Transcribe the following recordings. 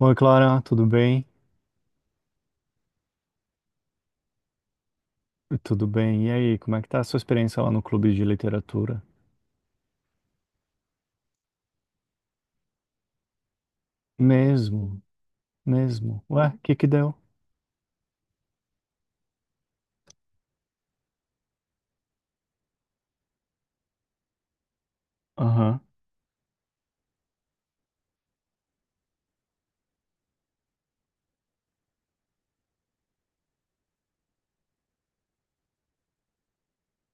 Oi, Clara, tudo bem? Tudo bem. E aí, como é que tá a sua experiência lá no clube de literatura? Mesmo, mesmo. Ué, o que que deu? Aham,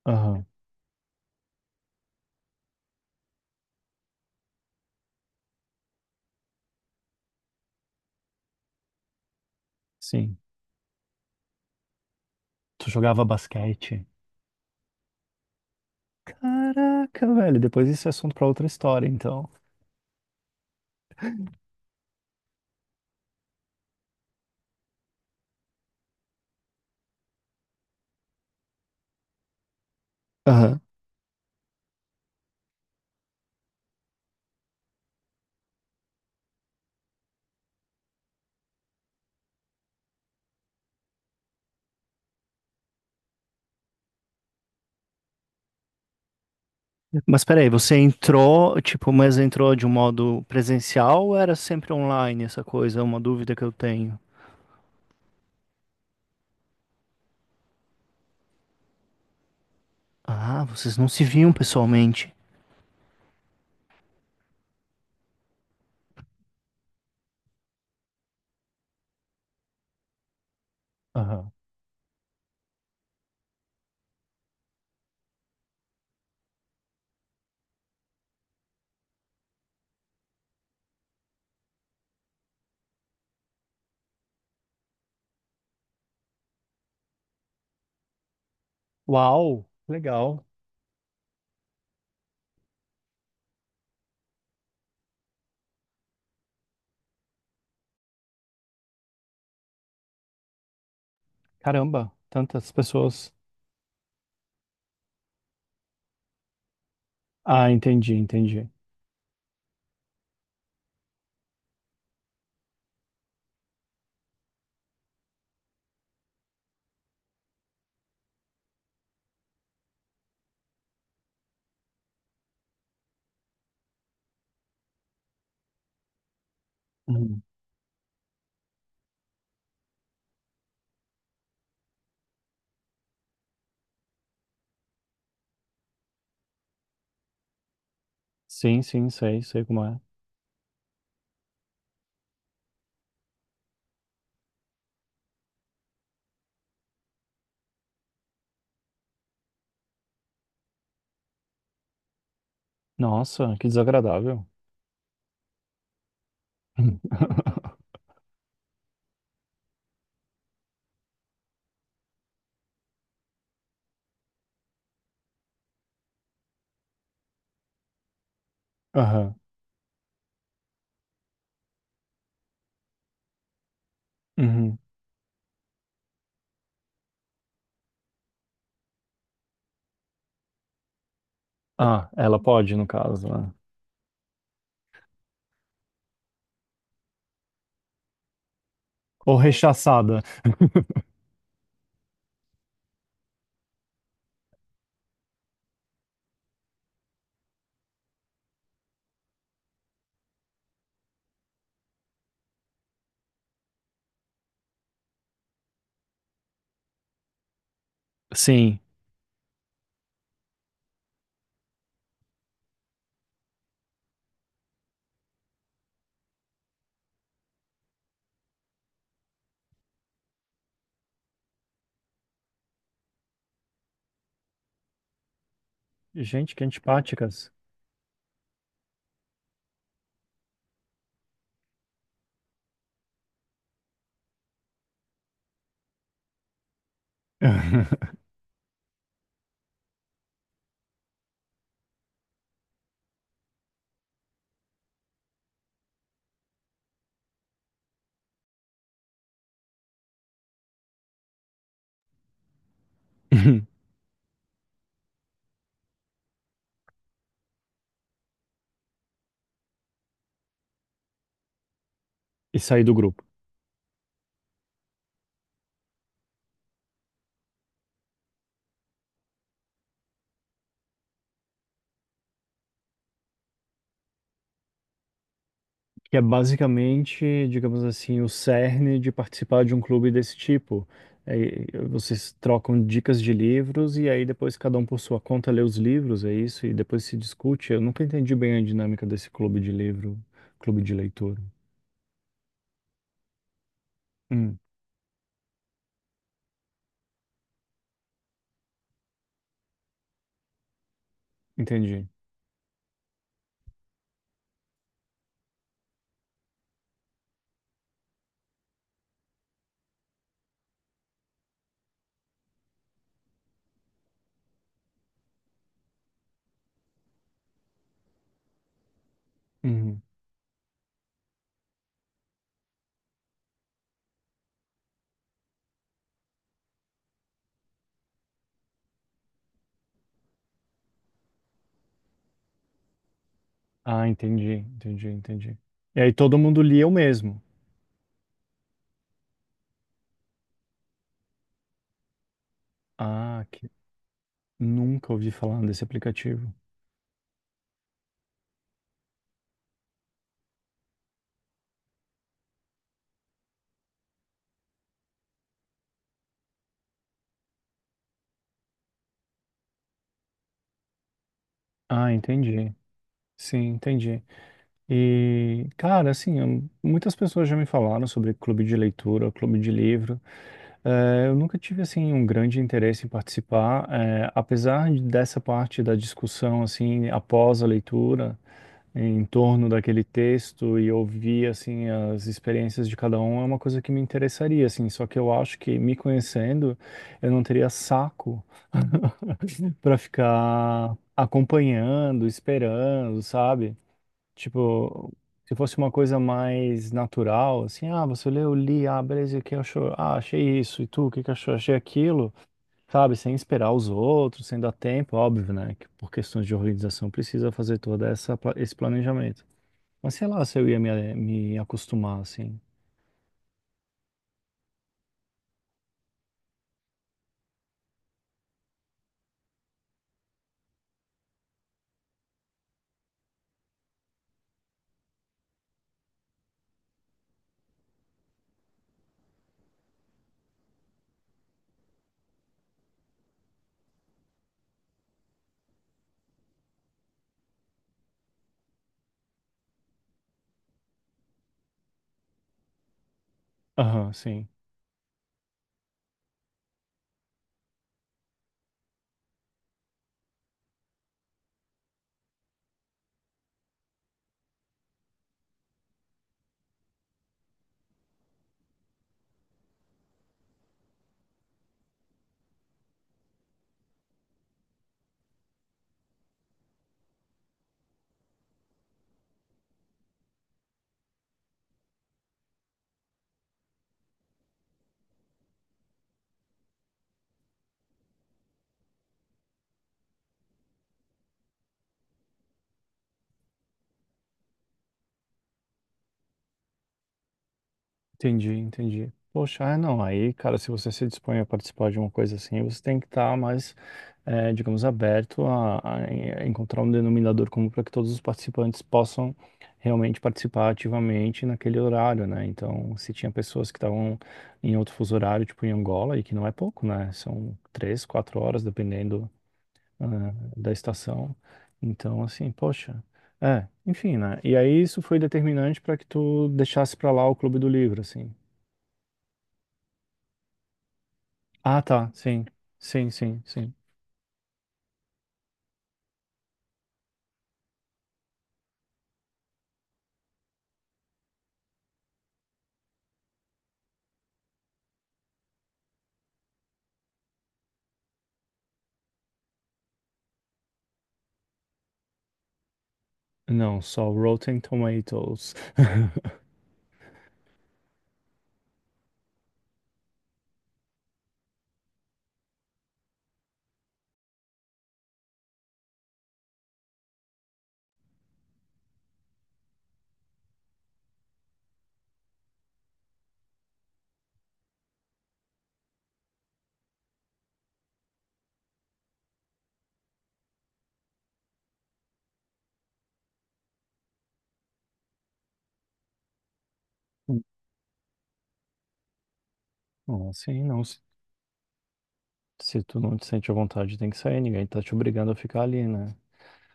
aham, sim. Tu jogava basquete? Caraca, velho, depois isso é assunto pra outra história, então. Aham. Mas peraí, você entrou, tipo, mas entrou de um modo presencial ou era sempre online essa coisa? É uma dúvida que eu tenho. Ah, vocês não se viam pessoalmente. Aham. Uau, legal. Caramba, tantas pessoas. Ah, entendi, entendi. Uhum. Sim, sim, sei, sei como é. Nossa, que desagradável. Aham. Uhum. Ah, ela pode, no caso, né? Ou rechaçada. Sim. Gente, que antipáticas. E sair do grupo. Que é basicamente, digamos assim, o cerne de participar de um clube desse tipo. Aí, vocês trocam dicas de livros e aí depois cada um por sua conta lê os livros, é isso? E depois se discute. Eu nunca entendi bem a dinâmica desse clube de livro, clube de leitura. Hum, entendi. Uhum. Ah, entendi, entendi, entendi. E aí todo mundo lia o mesmo. Ah, que... Nunca ouvi falar desse aplicativo. Ah, entendi. Sim, entendi. E, cara, assim, muitas pessoas já me falaram sobre clube de leitura, clube de livro. Eu nunca tive, assim, um grande interesse em participar, apesar dessa parte da discussão, assim, após a leitura, em torno daquele texto e ouvir, assim, as experiências de cada um, é uma coisa que me interessaria, assim. Só que eu acho que, me conhecendo, eu não teria saco para ficar acompanhando, esperando, sabe? Tipo, se fosse uma coisa mais natural, assim, ah, você leu, li, ah, beleza, e o que achou? Ah, achei isso, e tu, o que que achou? Achei aquilo, sabe? Sem esperar os outros, sem dar tempo, óbvio, né? Que por questões de organização precisa fazer toda essa, esse planejamento. Mas sei lá se eu ia me acostumar, assim. Aham, sim. Entendi, entendi. Poxa, ah, não, aí, cara, se você se dispõe a participar de uma coisa assim, você tem que estar mais, digamos, aberto a encontrar um denominador comum para que todos os participantes possam realmente participar ativamente naquele horário, né? Então, se tinha pessoas que estavam em outro fuso horário, tipo em Angola, e que não é pouco, né? São três, quatro horas, dependendo, ah, da estação. Então, assim, poxa. É, enfim, né? E aí isso foi determinante para que tu deixasse para lá o Clube do Livro, assim. Ah, tá. Sim. Sim, sim, sim. Não, só Rotten Tomatoes. Não, assim, não. Se tu não te sente à vontade, tem que sair. Ninguém tá te obrigando a ficar ali, né?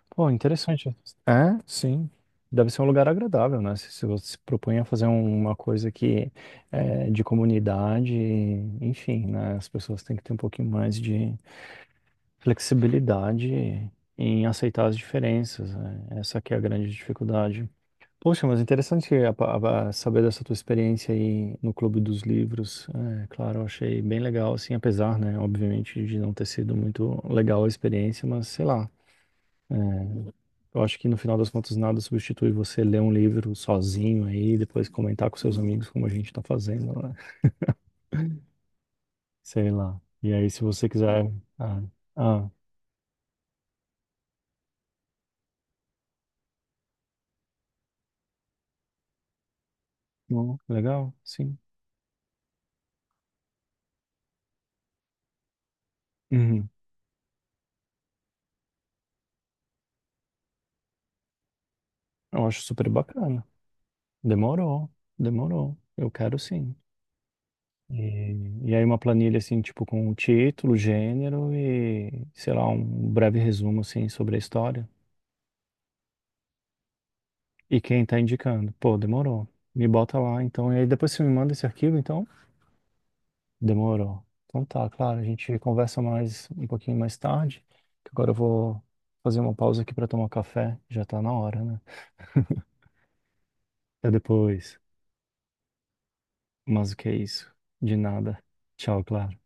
Pô, interessante. É, sim. Deve ser um lugar agradável, né? Se você se propõe a fazer uma coisa que é de comunidade, enfim, né? As pessoas têm que ter um pouquinho mais de flexibilidade em aceitar as diferenças, né? Essa que é a grande dificuldade. Poxa, mas interessante a saber dessa tua experiência aí no Clube dos Livros. É, claro, eu achei bem legal, assim, apesar, né, obviamente, de não ter sido muito legal a experiência, mas sei lá. Eu acho que no final das contas nada substitui você ler um livro sozinho aí, e depois comentar com seus amigos como a gente tá fazendo, né? Sei lá. E aí, se você quiser. Ah, ah, não, legal, sim. Uhum. Eu acho super bacana. Demorou, demorou. Eu quero sim. E aí uma planilha assim, tipo, com o título, gênero e, sei lá, um breve resumo assim sobre a história e quem tá indicando. Pô, demorou. Me bota lá, então. E aí depois você me manda esse arquivo, então? Demorou. Então tá, claro, a gente conversa mais um pouquinho mais tarde, que agora eu vou fazer uma pausa aqui pra tomar café, já tá na hora, né? Até depois. Mas o que é isso? De nada. Tchau, Clara.